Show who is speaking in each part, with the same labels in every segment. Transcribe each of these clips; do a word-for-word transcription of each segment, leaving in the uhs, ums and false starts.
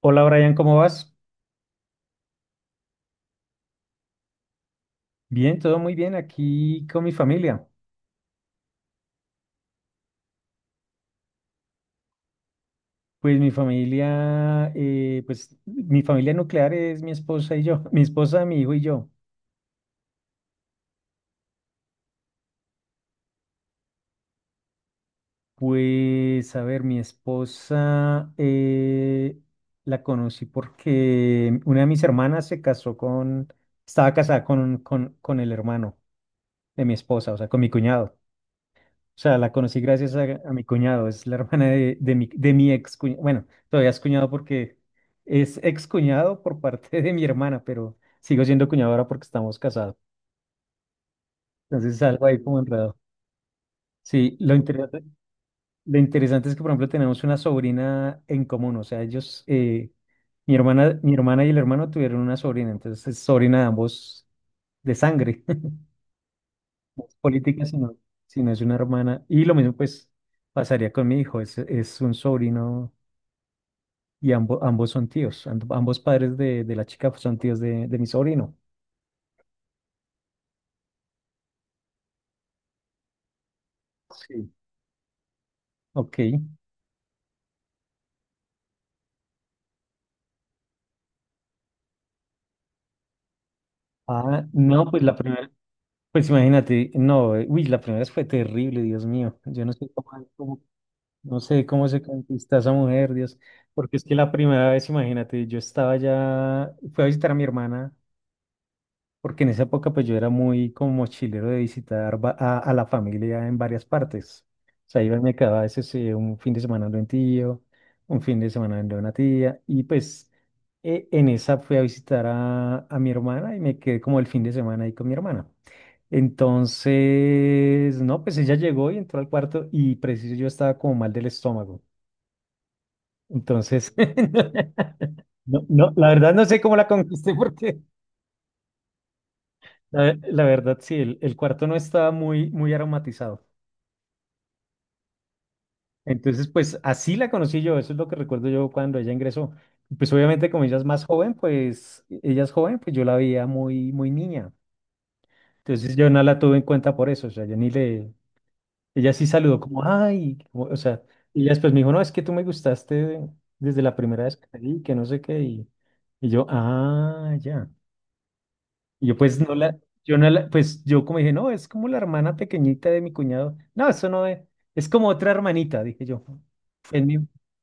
Speaker 1: Hola Brian, ¿cómo vas? Bien, todo muy bien aquí con mi familia. Pues mi familia, eh, pues mi familia nuclear es mi esposa y yo, mi esposa, mi hijo y yo. Pues a ver, mi esposa eh, la conocí porque una de mis hermanas se casó con, estaba casada con, un- con, con el hermano de mi esposa, o sea, con mi cuñado. O sea, la conocí gracias a, a mi cuñado, es la hermana de, de mi, de mi ex cuñado. Bueno, todavía es cuñado porque es ex cuñado por parte de mi hermana, pero sigo siendo cuñado ahora porque estamos casados. Entonces es algo ahí como enredado. Sí, lo interesante, lo interesante es que, por ejemplo, tenemos una sobrina en común. O sea, ellos, eh, mi hermana, mi hermana y el hermano tuvieron una sobrina, entonces es sobrina de ambos de sangre, no es política, sino, sino es una hermana. Y lo mismo, pues, pasaría con mi hijo, es, es un sobrino. Y ambos, ambos son tíos, and- ambos padres de, de la chica son tíos de, de mi sobrino. Sí. Ok. Ah, no, pues la primera, pues imagínate, no, eh, uy, la primera vez fue terrible, Dios mío. Yo no sé cómo, cómo- no sé cómo se conquista esa mujer, Dios. Porque es que la primera vez, imagínate, yo estaba ya, fui a visitar a mi hermana porque en esa época pues yo era muy como mochilero de visitar va- a, a la familia en varias partes. O sea, iba y me quedaba a veces eh, un fin de semana de un tío, un fin de semana de una tía, y pues eh, en esa fui a visitar a, a mi hermana y me quedé como el fin de semana ahí con mi hermana. Entonces, no, pues ella llegó y entró al cuarto y preciso yo estaba como mal del estómago. Entonces, no, no, la verdad no sé cómo la conquisté porque la, ve- la verdad, sí, el, el cuarto no estaba muy, muy aromatizado. Entonces, pues así la conocí yo, eso es lo que recuerdo yo cuando ella ingresó. Pues obviamente como ella es más joven, pues ella es joven, pues yo la veía muy, muy niña. Entonces yo no la tuve en cuenta por eso, o sea, yo ni le, ella sí saludó como, ay, como- o sea, y ella después me dijo, no, es que tú me gustaste desde la primera vez que te vi, que no sé qué, y, y yo, ah, ya. Y yo pues no la, yo no la, pues yo como dije, no, es como la hermana pequeñita de mi cuñado. No, eso no es, es como otra hermanita, dije yo. Fue mi,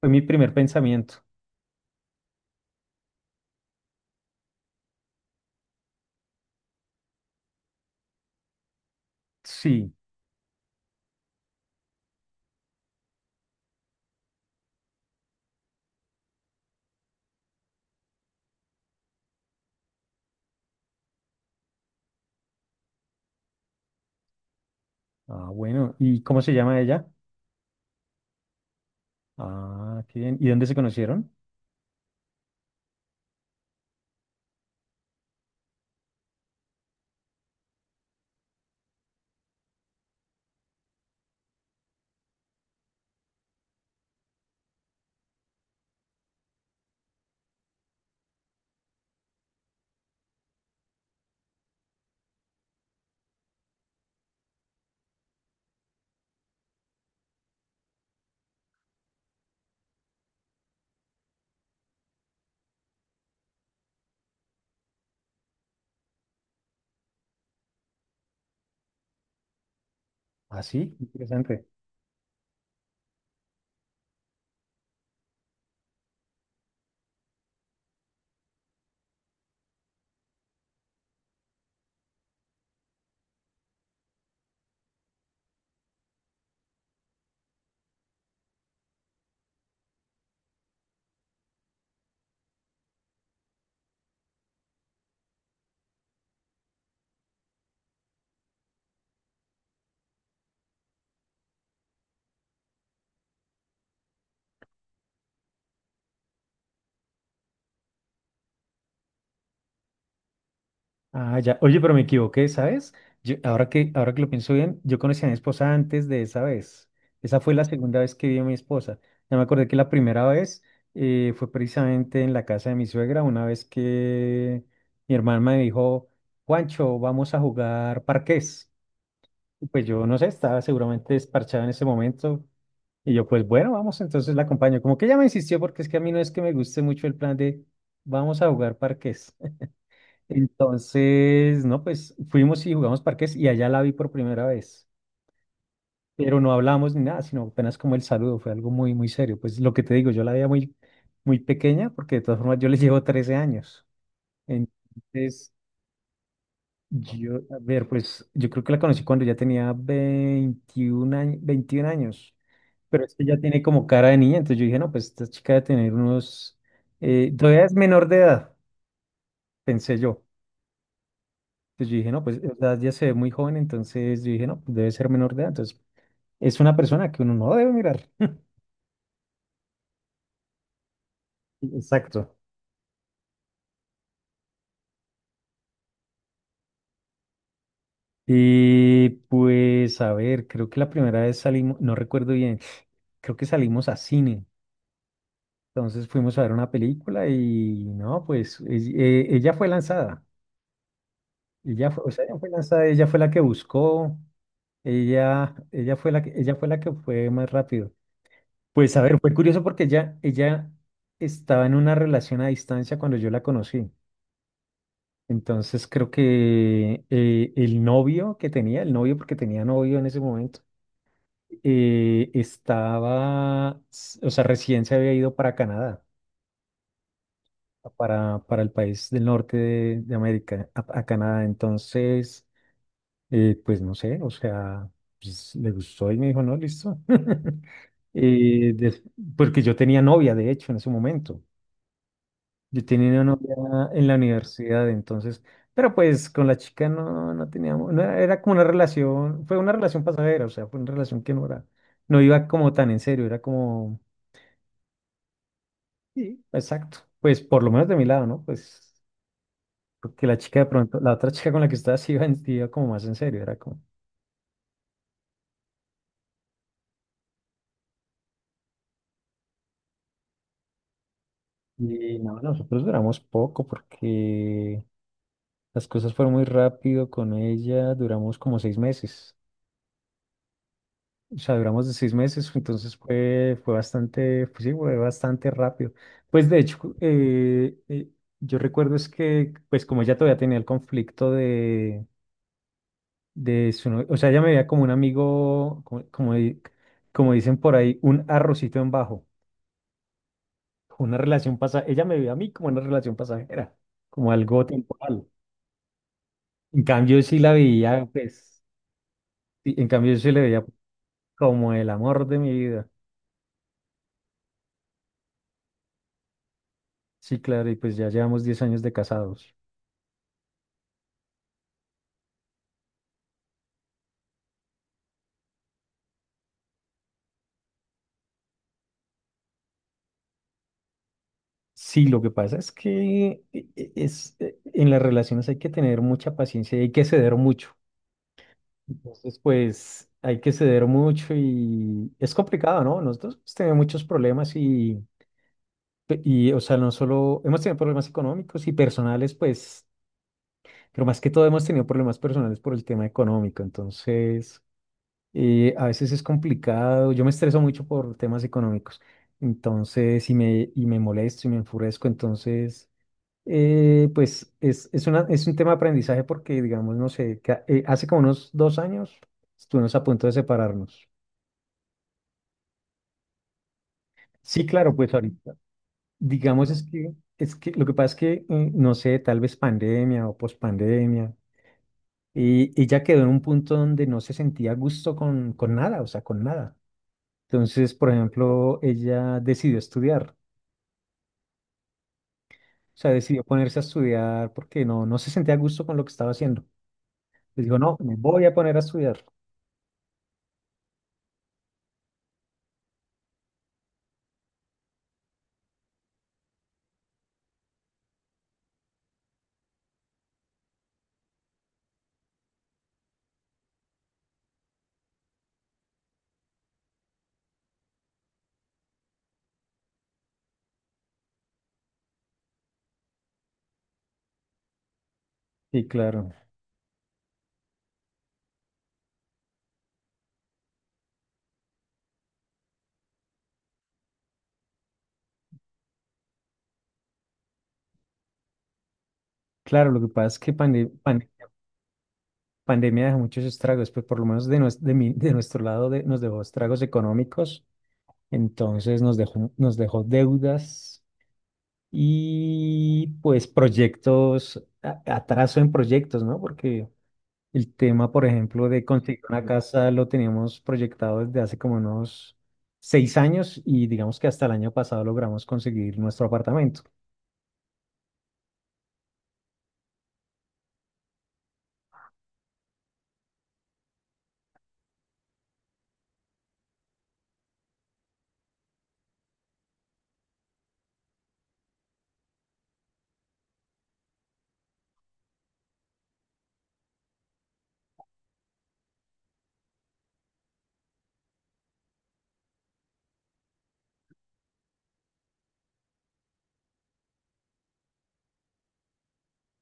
Speaker 1: fue mi primer pensamiento. Sí. Ah, bueno. ¿Y cómo se llama ella? Ah, qué bien. ¿Y dónde se conocieron? Ah, sí, interesante. Ah, ya. Oye, pero me equivoqué, ¿sabes? Yo- ahora que, ahora que lo pienso bien, yo conocí a mi esposa antes de esa vez. Esa fue la segunda vez que vi a mi esposa. Ya me acordé que la primera vez eh, fue precisamente en la casa de mi suegra, una vez que mi hermana me dijo, Juancho, vamos a jugar parqués. Y pues yo no sé, estaba seguramente desparchada en ese momento. Y yo, pues bueno, vamos, entonces la acompaño. Como que ella me insistió porque es que a mí no es que me guste mucho el plan de vamos a jugar parqués. Entonces, no, pues fuimos y jugamos parques y allá la vi por primera vez, pero no hablamos ni nada, sino apenas como el saludo, fue algo muy, muy serio. Pues lo que te digo, yo la veía muy, muy pequeña porque de todas formas yo le llevo trece años. Entonces, yo, a ver, pues yo creo que la conocí cuando ya tenía veintiún años, veintiún años, pero es que ya tiene como cara de niña, entonces yo dije, no, pues esta chica debe tener unos, eh, todavía es menor de edad, pensé yo. Entonces yo dije, no, pues o sea, ya se ve muy joven, entonces yo dije, no, pues debe ser menor de edad. Entonces es una persona que uno no debe mirar. Exacto. Y pues, a ver, creo que la primera vez salimos, no recuerdo bien, creo que salimos a cine. Entonces fuimos a ver una película y no, pues es- eh, ella fue lanzada. Ella fue, o sea, ella fue lanzada, ella fue la que buscó, ella, ella fue la que, ella fue la que fue más rápido. Pues a ver, fue curioso porque ella, ella estaba en una relación a distancia cuando yo la conocí. Entonces creo que eh, el novio que tenía, el novio porque tenía novio en ese momento, eh, estaba, s- o sea, recién se había ido para Canadá, para, para el país del norte de, de América, a, a Canadá. Entonces, eh, pues no sé, o sea, pues, le gustó y me dijo, no, listo. Eh, des- porque yo tenía novia, de hecho, en ese momento. Yo tenía una novia en la universidad, entonces, pero pues con la chica no, no teníamos, no era, era como una relación, fue una relación pasajera, o sea, fue una relación que no era, no iba como tan en serio, era como, sí, exacto, pues por lo menos de mi lado, ¿no? Pues porque la chica de pronto, la otra chica con la que estaba sí iba, en- sí iba como más en serio, era como, y no, nosotros duramos poco porque las cosas fueron muy rápido con ella, duramos como seis meses. O sea, duramos de seis meses, entonces fue, fue bastante, pues sí, fue bastante rápido. Pues de hecho, cu- eh, eh, yo recuerdo es que, pues como ella todavía tenía el conflicto de, de su novio, o sea, ella me veía como un amigo, como, como, di- como dicen por ahí, un arrocito en bajo, una relación pasajera, ella me veía a mí como una relación pasajera, como algo temporal. En cambio, sí la veía, pues, sí, en cambio, yo sí le veía como el amor de mi vida. Sí, claro, y pues ya llevamos diez años de casados. Sí, lo que pasa es que e- e- es, e- en las relaciones hay que tener mucha paciencia y hay que ceder mucho. Entonces, pues hay que ceder mucho y es complicado, ¿no? Nosotros pues, tenemos muchos problemas y, pe- y, o sea, no solo hemos tenido problemas económicos y personales, pues, pero más que todo hemos tenido problemas personales por el tema económico. Entonces, eh, a veces es complicado. Yo me estreso mucho por temas económicos. Entonces, y me, y me molesto y me enfurezco. Entonces... Eh, pues es, es, una, es un tema de aprendizaje porque, digamos, no sé, ca- eh, hace como unos dos años estuvimos a punto de separarnos. Sí, claro, pues ahorita. Digamos, es que, es que lo que pasa es que, eh, no sé, tal vez pandemia o pospandemia, y ella quedó en un punto donde no se sentía a gusto con, con nada, o sea, con nada. Entonces, por ejemplo, ella decidió estudiar, o sea, decidió ponerse a estudiar porque no, no se sentía a gusto con lo que estaba haciendo. Le dijo, no, me voy a poner a estudiar. Sí, claro. Claro, lo que pasa es que pande- pan- pandemia dejó muchos estragos, pues por lo menos de, nues- de, mi- de nuestro lado de- nos dejó estragos económicos, entonces nos dejó, nos dejó deudas y pues proyectos, a- atraso en proyectos, ¿no? Porque el tema, por ejemplo, de conseguir una casa lo teníamos proyectado desde hace como unos seis años y digamos que hasta el año pasado logramos conseguir nuestro apartamento.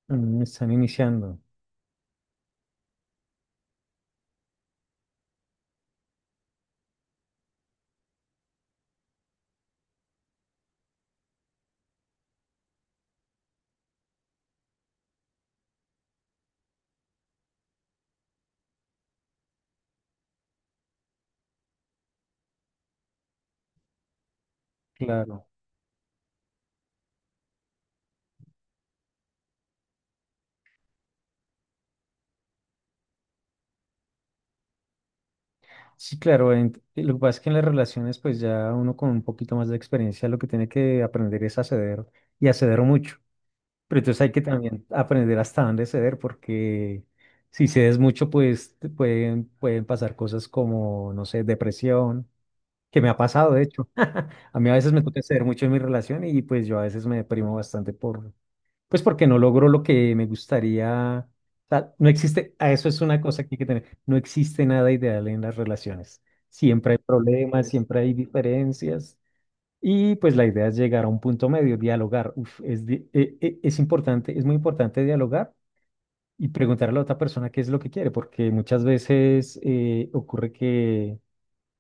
Speaker 1: Mm, están iniciando, claro. Sí, claro, ent- lo que pasa es que en las relaciones, pues ya uno con un poquito más de experiencia lo que tiene que aprender es a ceder y a ceder mucho. Pero entonces hay que también aprender hasta dónde ceder, porque si cedes mucho, pues te pueden, pueden pasar cosas como, no sé, depresión, que me ha pasado, de hecho. A mí a veces me toca ceder mucho en mi relación y pues yo a veces me deprimo bastante por pues porque no logro lo que me gustaría. O sea, no existe, a eso es una cosa que hay que tener. No existe nada ideal en las relaciones. Siempre hay problemas, siempre hay diferencias. Y pues la idea es llegar a un punto medio, dialogar. Uf, es, di- e- e- es importante, es muy importante dialogar y preguntar a la otra persona qué es lo que quiere, porque muchas veces eh, ocurre que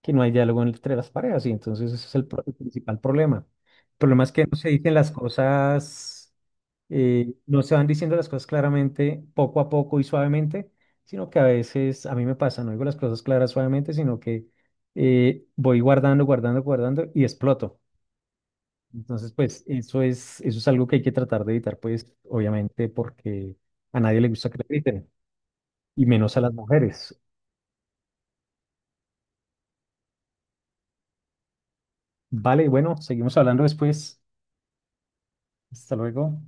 Speaker 1: que no hay diálogo entre las parejas y entonces ese es el, pro- el principal problema. El problema es que no se dicen las cosas, eh, no se van diciendo las cosas claramente, poco a poco y suavemente, sino que a veces a mí me pasa, no digo las cosas claras suavemente, sino que eh, voy guardando, guardando, guardando y exploto. Entonces, pues eso es, eso es algo que hay que tratar de evitar, pues obviamente porque a nadie le gusta que le griten, y menos a las mujeres. Vale, bueno, seguimos hablando después. Hasta luego.